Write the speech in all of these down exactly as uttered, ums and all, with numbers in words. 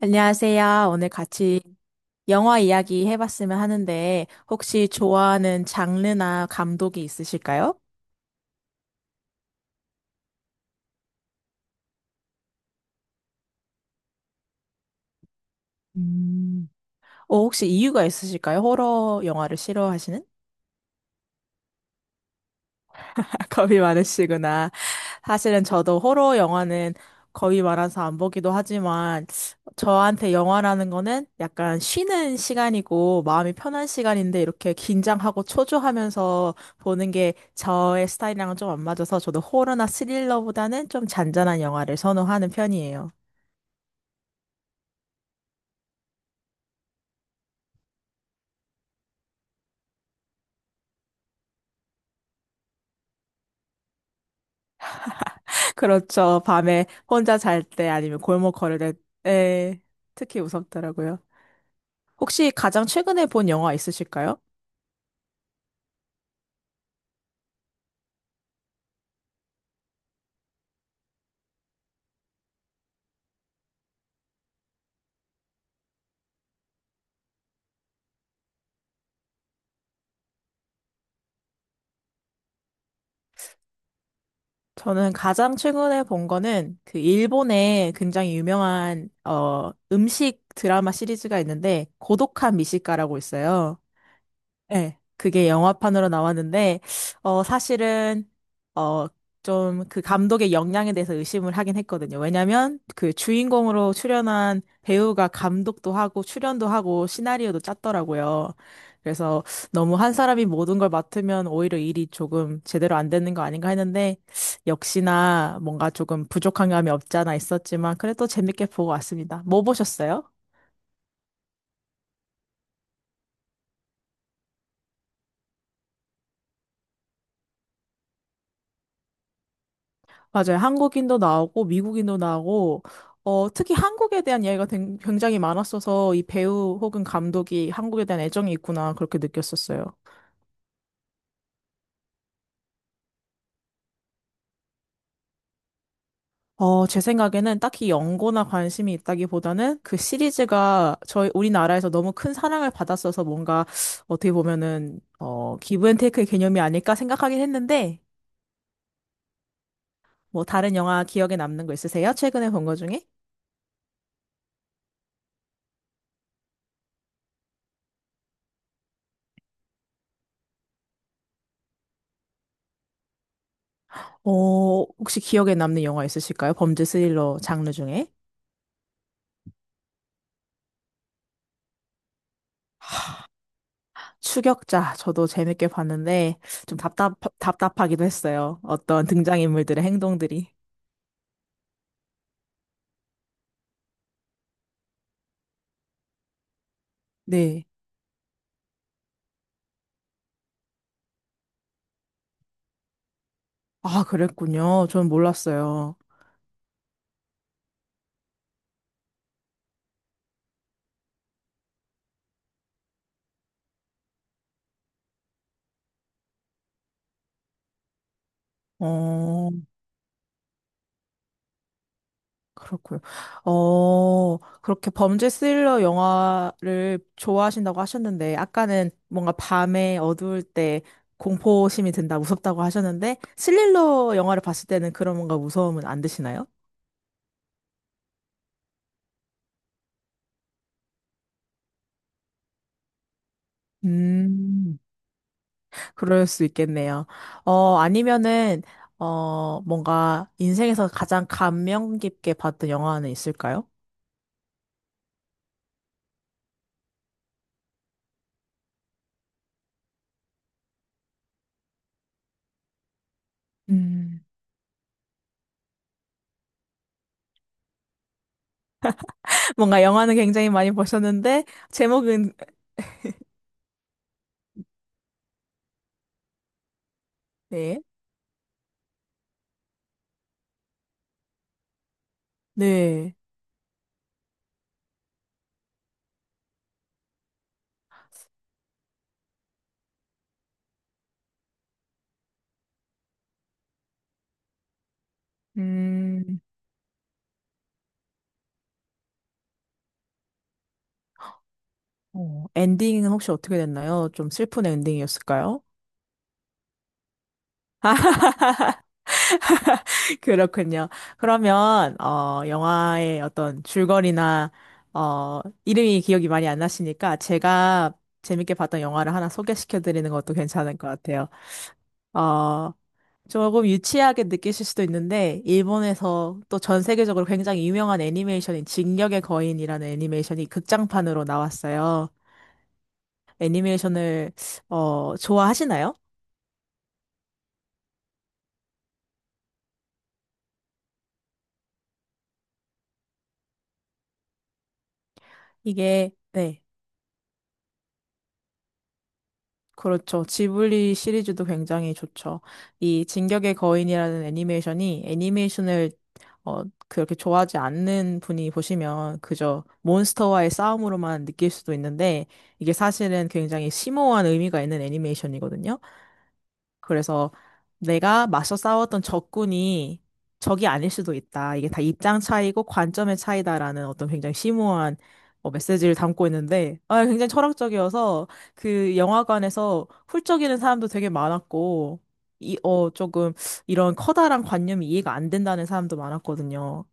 안녕하세요. 오늘 같이 영화 이야기 해봤으면 하는데, 혹시 좋아하는 장르나 감독이 있으실까요? 음. 어, 혹시 이유가 있으실까요? 호러 영화를 싫어하시는? 겁이 많으시구나. 사실은 저도 호러 영화는 거의 많아서 안 보기도 하지만 저한테 영화라는 거는 약간 쉬는 시간이고 마음이 편한 시간인데 이렇게 긴장하고 초조하면서 보는 게 저의 스타일이랑은 좀 안 맞아서 저도 호러나 스릴러보다는 좀 잔잔한 영화를 선호하는 편이에요. 그렇죠. 밤에 혼자 잘 때 아니면 골목 걸을 때 에, 특히 무섭더라고요. 혹시 가장 최근에 본 영화 있으실까요? 저는 가장 최근에 본 거는 그 일본의 굉장히 유명한 어 음식 드라마 시리즈가 있는데 고독한 미식가라고 있어요. 네, 그게 영화판으로 나왔는데, 어, 사실은, 어, 좀 그 감독의 역량에 대해서 의심을 하긴 했거든요. 왜냐면 그 주인공으로 출연한 배우가 감독도 하고 출연도 하고 시나리오도 짰더라고요. 그래서 너무 한 사람이 모든 걸 맡으면 오히려 일이 조금 제대로 안 되는 거 아닌가 했는데, 역시나 뭔가 조금 부족한 감이 없지 않아 있었지만, 그래도 재밌게 보고 왔습니다. 뭐 보셨어요? 맞아요. 한국인도 나오고 미국인도 나오고 어, 특히 한국에 대한 이야기가 된- 굉장히 많았어서 이 배우 혹은 감독이 한국에 대한 애정이 있구나 그렇게 느꼈었어요. 어, 제 생각에는 딱히 연고나 관심이 있다기보다는 그 시리즈가 저희 우리나라에서 너무 큰 사랑을 받았어서 뭔가 어떻게 보면은 어, 기브앤테이크의 개념이 아닐까 생각하긴 했는데 뭐 다른 영화 기억에 남는 거 있으세요? 최근에 본 거 중에? 어, 혹시 기억에 남는 영화 있으실까요? 범죄 스릴러 장르 중에? 추격자 저도 재밌게 봤는데 좀 답답 답답하기도 했어요. 어떤 등장인물들의 행동들이. 네. 아, 그랬군요. 전 몰랐어요. 어, 그렇고요. 어, 그렇게 범죄 스릴러 영화를 좋아하신다고 하셨는데 아까는 뭔가 밤에 어두울 때 공포심이 든다, 무섭다고 하셨는데 스릴러 영화를 봤을 때는 그런 뭔가 무서움은 안 드시나요? 음. 그럴 수 있겠네요. 어, 아니면은, 어, 뭔가 인생에서 가장 감명 깊게 봤던 영화는 있을까요? 음. 뭔가 영화는 굉장히 많이 보셨는데, 제목은, 네, 네. 음, 어, 엔딩은 혹시 어떻게 됐나요? 좀 슬픈 엔딩이었을까요? 그렇군요. 그러면, 어, 영화의 어떤 줄거리나, 어, 이름이 기억이 많이 안 나시니까 제가 재밌게 봤던 영화를 하나 소개시켜 드리는 것도 괜찮을 것 같아요. 어, 조금 유치하게 느끼실 수도 있는데, 일본에서 또 전 세계적으로 굉장히 유명한 애니메이션인 진격의 거인이라는 애니메이션이 극장판으로 나왔어요. 애니메이션을, 어, 좋아하시나요? 이게, 네, 그렇죠. 지블리 시리즈도 굉장히 좋죠. 이 진격의 거인이라는 애니메이션이 애니메이션을 어, 그렇게 좋아하지 않는 분이 보시면 그저 몬스터와의 싸움으로만 느낄 수도 있는데 이게 사실은 굉장히 심오한 의미가 있는 애니메이션이거든요. 그래서 내가 맞서 싸웠던 적군이 적이 아닐 수도 있다. 이게 다 입장 차이고 관점의 차이다라는 어떤 굉장히 심오한 어, 메시지를 담고 있는데, 아, 굉장히 철학적이어서 그 영화관에서 훌쩍이는 사람도 되게 많았고, 이, 어, 조금 이런 커다란 관념이 이해가 안 된다는 사람도 많았거든요.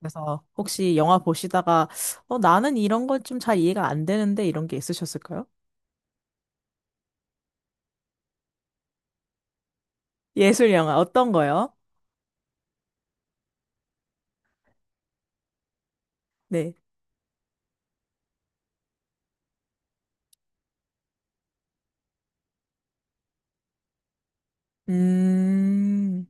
그래서 혹시 영화 보시다가, 어, 나는 이런 건 좀 잘 이해가 안 되는데 이런 게 있으셨을까요? 예술 영화 어떤 거요? 네. 음.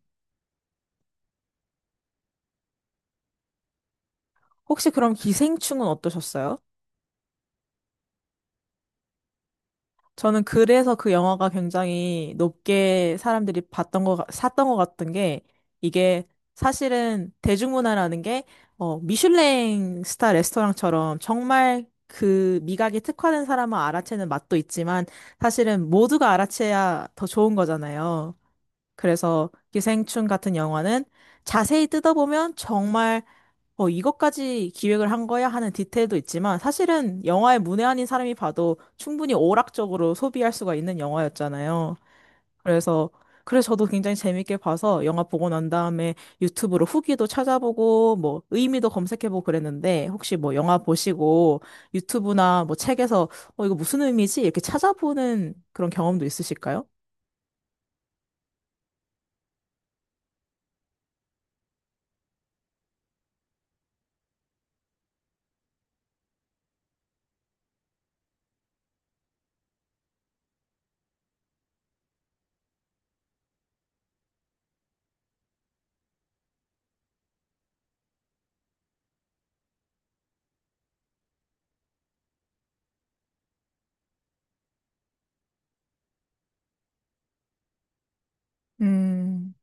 혹시 그럼 기생충은 어떠셨어요? 저는 그래서 그 영화가 굉장히 높게 사람들이 봤던 거, 같- 샀던 것 같은 게 이게 사실은 대중문화라는 게 어, 미슐랭 스타 레스토랑처럼 정말 그 미각이 특화된 사람만 알아채는 맛도 있지만 사실은 모두가 알아채야 더 좋은 거잖아요. 그래서 기생충 같은 영화는 자세히 뜯어보면 정말 어, 이것까지 기획을 한 거야 하는 디테일도 있지만 사실은 영화의 문외한인 사람이 봐도 충분히 오락적으로 소비할 수가 있는 영화였잖아요. 그래서 그래서 저도 굉장히 재밌게 봐서 영화 보고 난 다음에 유튜브로 후기도 찾아보고 뭐 의미도 검색해보고 그랬는데 혹시 뭐 영화 보시고 유튜브나 뭐 책에서 어, 이거 무슨 의미지? 이렇게 찾아보는 그런 경험도 있으실까요? 음.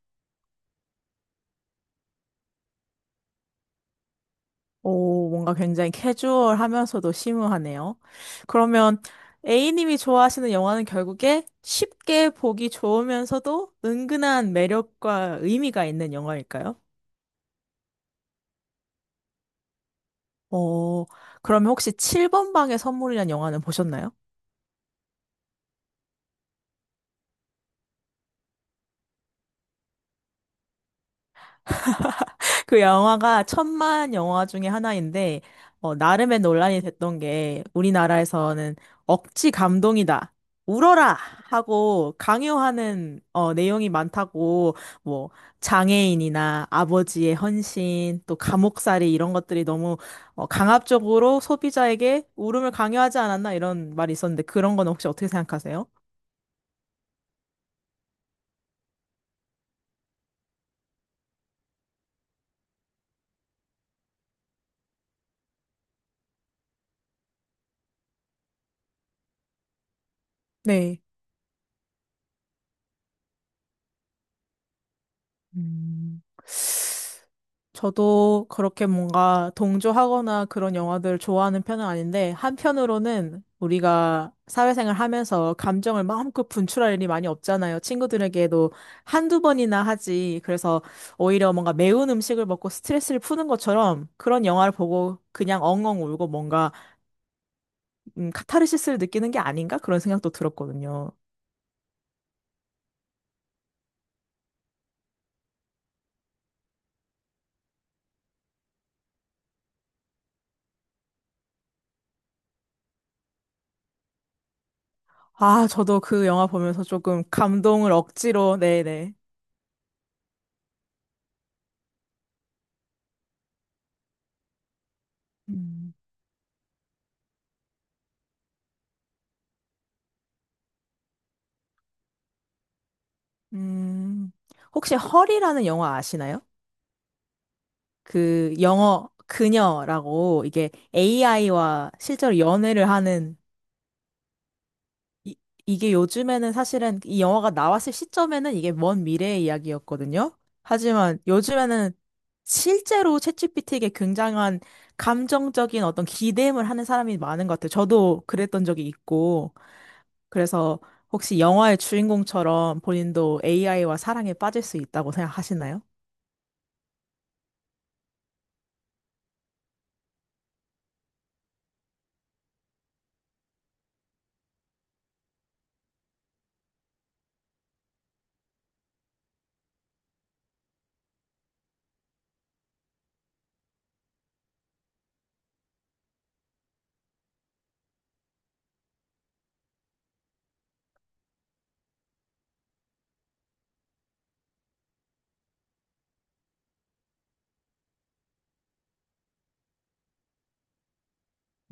오, 뭔가 굉장히 캐주얼하면서도 심오하네요. 그러면 A님이 좋아하시는 영화는 결국에 쉽게 보기 좋으면서도 은근한 매력과 의미가 있는 영화일까요? 어, 그러면 혹시 칠 번 방의 선물이라는 영화는 보셨나요? 그 영화가 천만 영화 중에 하나인데, 어, 나름의 논란이 됐던 게, 우리나라에서는 억지 감동이다. 울어라! 하고 강요하는, 어, 내용이 많다고, 뭐, 장애인이나 아버지의 헌신, 또 감옥살이 이런 것들이 너무, 어, 강압적으로 소비자에게 울음을 강요하지 않았나 이런 말이 있었는데, 그런 건 혹시 어떻게 생각하세요? 네. 음. 저도 그렇게 뭔가 동조하거나 그런 영화들을 좋아하는 편은 아닌데, 한편으로는 우리가 사회생활 하면서 감정을 마음껏 분출할 일이 많이 없잖아요. 친구들에게도 한두 번이나 하지. 그래서 오히려 뭔가 매운 음식을 먹고 스트레스를 푸는 것처럼 그런 영화를 보고 그냥 엉엉 울고 뭔가 음, 카타르시스를 느끼는 게 아닌가? 그런 생각도 들었거든요. 아, 저도 그 영화 보면서 조금 감동을 억지로, 네네. 음. 음, 혹시 헐이라는 영화 아시나요? 그 영어 그녀라고 이게 에이아이와 실제로 연애를 하는 이, 이게 요즘에는 사실은 이 영화가 나왔을 시점에는 이게 먼 미래의 이야기였거든요. 하지만 요즘에는 실제로 챗지피티에게 굉장한 감정적인 어떤 기대임을 하는 사람이 많은 것 같아요. 저도 그랬던 적이 있고. 그래서 혹시 영화의 주인공처럼 본인도 에이아이와 사랑에 빠질 수 있다고 생각하시나요?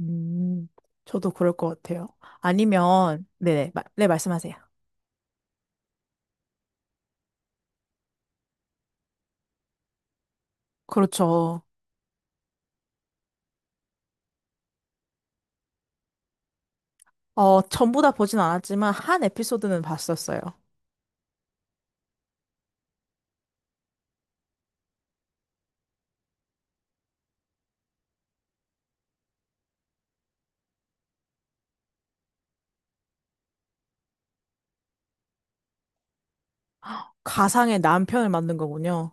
음, 저도 그럴 것 같아요. 아니면, 네네, 마- 네, 말씀하세요. 그렇죠. 어, 전부 다 보진 않았지만, 한 에피소드는 봤었어요. 가상의 남편을 만든 거군요.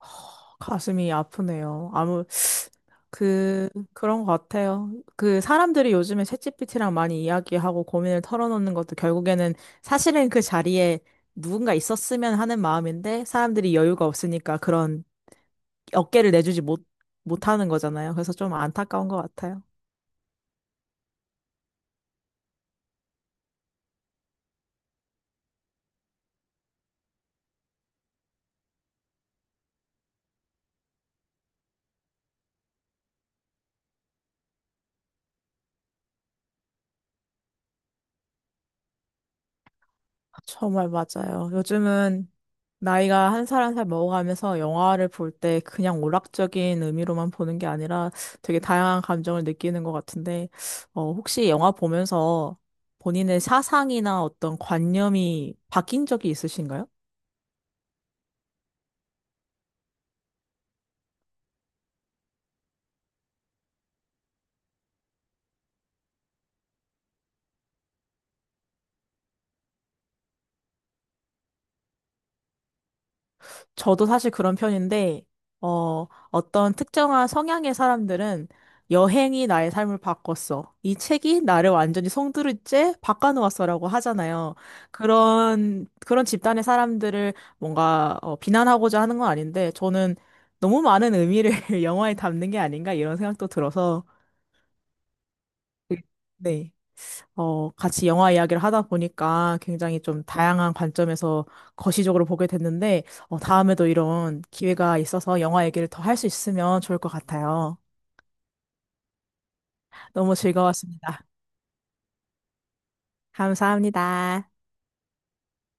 허, 가슴이 아프네요. 아무, 그, 그런 것 같아요. 그, 사람들이 요즘에 챗지피티랑 많이 이야기하고 고민을 털어놓는 것도 결국에는 사실은 그 자리에 누군가 있었으면 하는 마음인데, 사람들이 여유가 없으니까 그런 어깨를 내주지 못, 못하는 거잖아요. 그래서 좀 안타까운 것 같아요. 정말 맞아요. 요즘은 나이가 한 살 한 살 먹어가면서 영화를 볼 때 그냥 오락적인 의미로만 보는 게 아니라 되게 다양한 감정을 느끼는 것 같은데, 어, 혹시 영화 보면서 본인의 사상이나 어떤 관념이 바뀐 적이 있으신가요? 저도 사실 그런 편인데, 어, 어떤 특정한 성향의 사람들은 여행이 나의 삶을 바꿨어. 이 책이 나를 완전히 송두리째 바꿔놓았어라고 하잖아요. 그런, 그런 집단의 사람들을 뭔가 어, 비난하고자 하는 건 아닌데, 저는 너무 많은 의미를 영화에 담는 게 아닌가 이런 생각도 들어서, 네. 어, 같이 영화 이야기를 하다 보니까 굉장히 좀 다양한 관점에서 거시적으로 보게 됐는데, 어, 다음에도 이런 기회가 있어서 영화 얘기를 더 할 수 있으면 좋을 것 같아요. 너무 즐거웠습니다. 감사합니다.